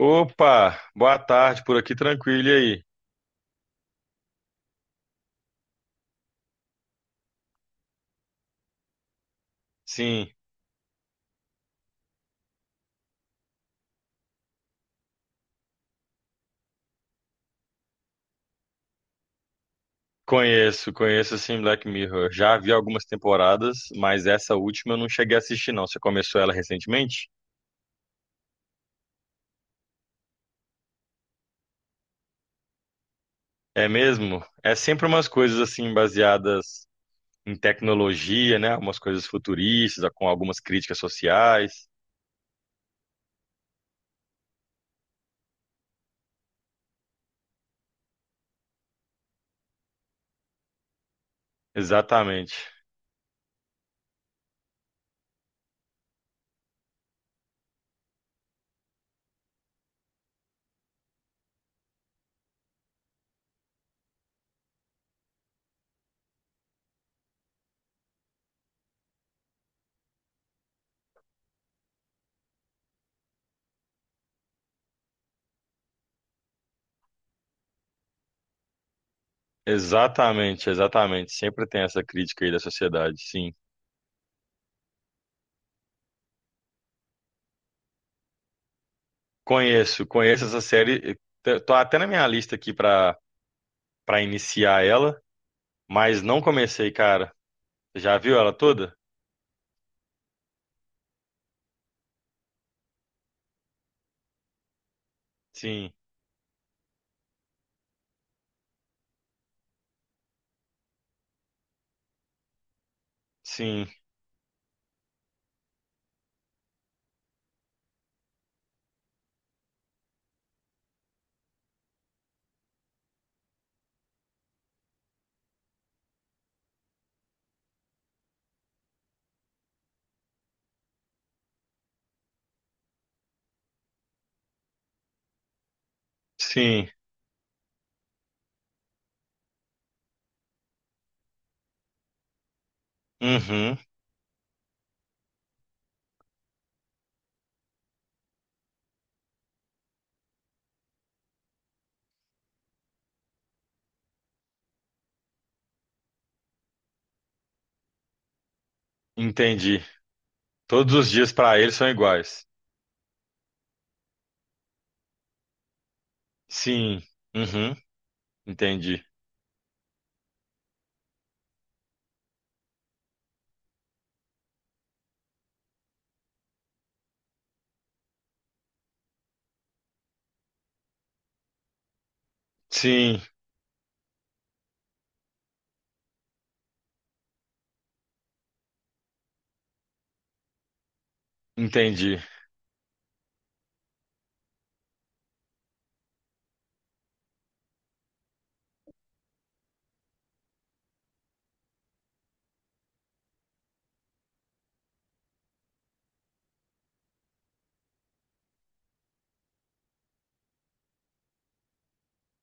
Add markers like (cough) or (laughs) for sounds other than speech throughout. Opa, boa tarde, por aqui tranquilo, e aí? Sim, conheço, conheço sim Black Mirror. Já vi algumas temporadas, mas essa última eu não cheguei a assistir não. Você começou ela recentemente? É mesmo? É sempre umas coisas assim baseadas em tecnologia, né? Umas coisas futuristas, com algumas críticas sociais. Exatamente. Exatamente, exatamente. Sempre tem essa crítica aí da sociedade, sim. Conheço, conheço essa série. Tô até na minha lista aqui pra para iniciar ela. Mas não comecei, cara. Já viu ela toda? Sim, sim, sim. Uhum, entendi. Todos os dias pra ele são iguais. Sim, uhum, entendi. Sim, entendi,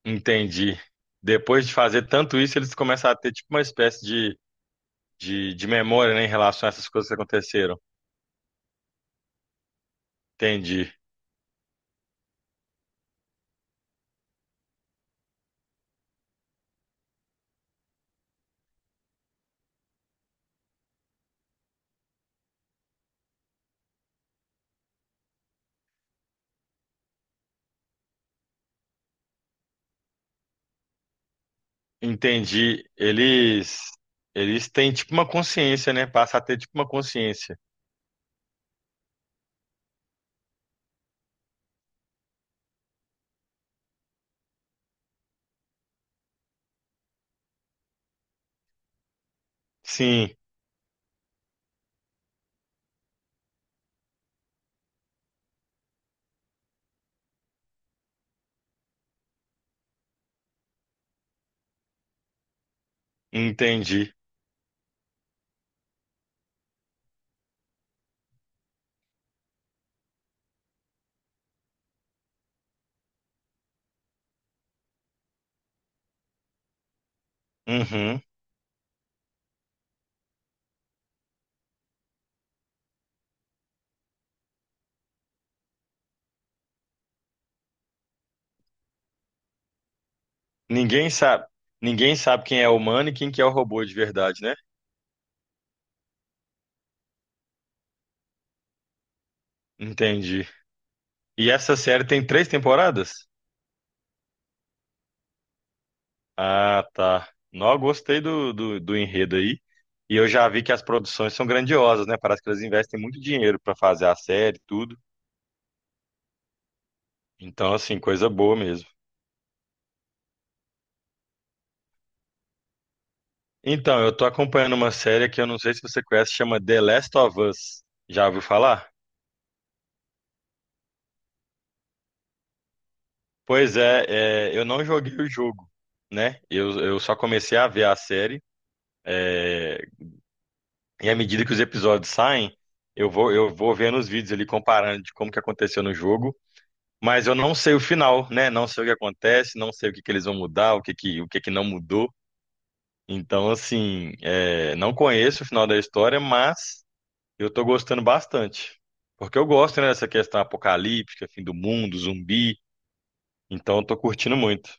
entendi. Depois de fazer tanto isso, eles começam a ter tipo uma espécie de, memória, né, em relação a essas coisas que aconteceram. Entendi, entendi. eles têm tipo uma consciência, né? Passa a ter tipo uma consciência. Sim, entendi. Uhum. Ninguém sabe, ninguém sabe quem é o humano e quem que é o robô de verdade, né? Entendi. E essa série tem três temporadas? Ah, tá. Não, gostei do enredo aí. E eu já vi que as produções são grandiosas, né? Parece que elas investem muito dinheiro pra fazer a série e tudo. Então, assim, coisa boa mesmo. Então, eu tô acompanhando uma série que eu não sei se você conhece, chama The Last of Us. Já ouviu falar? Pois é, eu não joguei o jogo, né? Eu só comecei a ver a série. é, E à medida que os episódios saem, eu vou vendo os vídeos ali comparando de como que aconteceu no jogo, mas eu não sei o final, né? Não sei o que acontece, não sei o que que eles vão mudar, o que que não mudou. Então, assim, é, não conheço o final da história, mas eu tô gostando bastante. Porque eu gosto, né, dessa questão apocalíptica, fim do mundo, zumbi. Então, eu tô curtindo muito.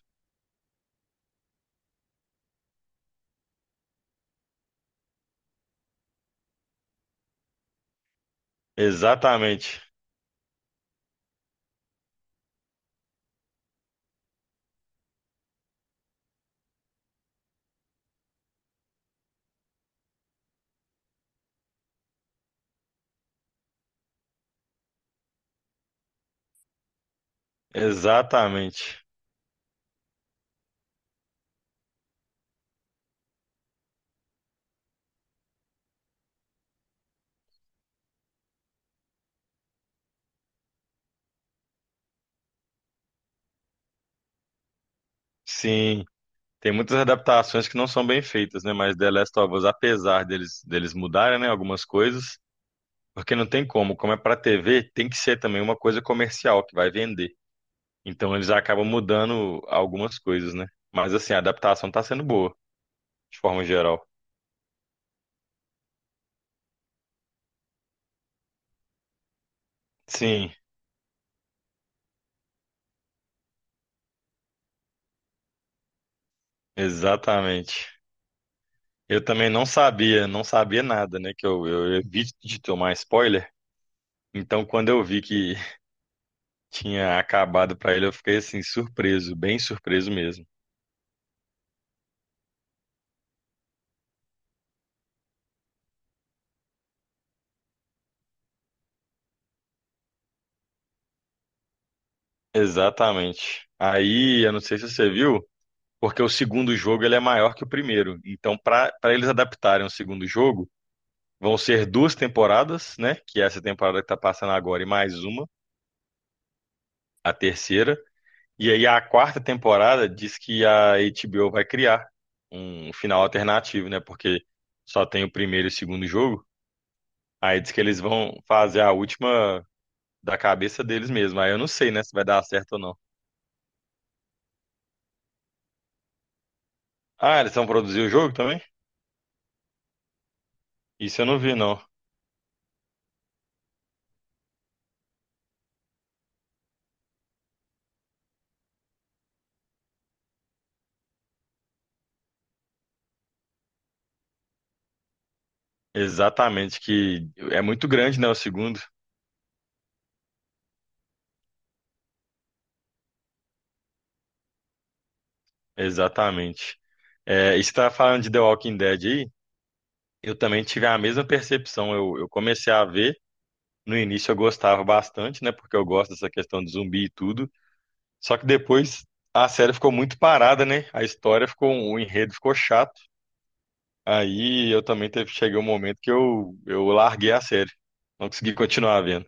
Exatamente. Exatamente. Sim. Tem muitas adaptações que não são bem feitas, né? Mas The Last of Us, apesar deles, mudarem, né, algumas coisas, porque não tem como, como é pra TV, tem que ser também uma coisa comercial que vai vender. Então eles acabam mudando algumas coisas, né? Mas assim, a adaptação tá sendo boa, de forma geral. Sim, exatamente. Eu também não sabia, não sabia nada, né? Que eu evito de tomar spoiler. Então, quando eu vi que (laughs) tinha acabado pra ele, eu fiquei assim, surpreso, bem surpreso mesmo. Exatamente. Aí, eu não sei se você viu, porque o segundo jogo ele é maior que o primeiro. Então, para eles adaptarem o segundo jogo, vão ser duas temporadas, né? Que é essa temporada que está passando agora e mais uma, a terceira. E aí a quarta temporada diz que a HBO vai criar um final alternativo, né? Porque só tem o primeiro e o segundo jogo. Aí diz que eles vão fazer a última da cabeça deles mesmo. Aí eu não sei, né, se vai dar certo ou não. Ah, eles vão produzir o jogo também? Isso eu não vi, não. Exatamente, que é muito grande, né? O segundo. Exatamente. É, e você tá falando de The Walking Dead aí? Eu também tive a mesma percepção. eu, comecei a ver, no início eu gostava bastante, né? Porque eu gosto dessa questão de zumbi e tudo. Só que depois a série ficou muito parada, né? A história ficou, o enredo ficou chato. Aí eu também teve, cheguei um momento que eu, larguei a série. Não consegui continuar vendo.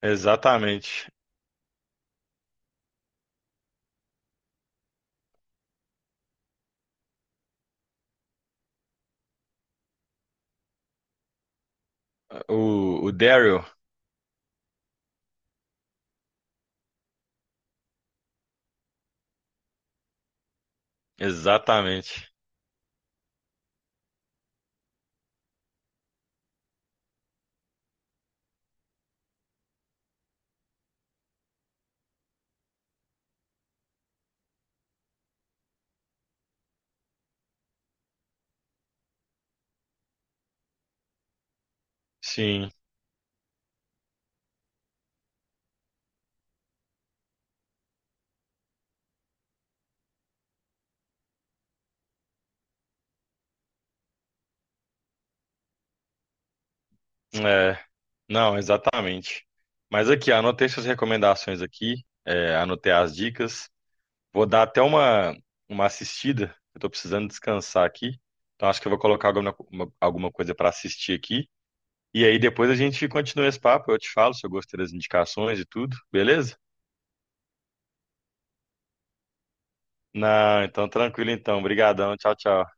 Exatamente. o Daryl, exatamente. Sim. É, não, exatamente. Mas aqui, anotei suas recomendações aqui, é, anotei as dicas. Vou dar até uma assistida. Eu tô precisando descansar aqui. Então acho que eu vou colocar alguma, alguma coisa para assistir aqui. E aí depois a gente continua esse papo. Eu te falo se eu gostei das indicações e tudo, beleza? Não, então tranquilo então. Obrigadão. Tchau, tchau.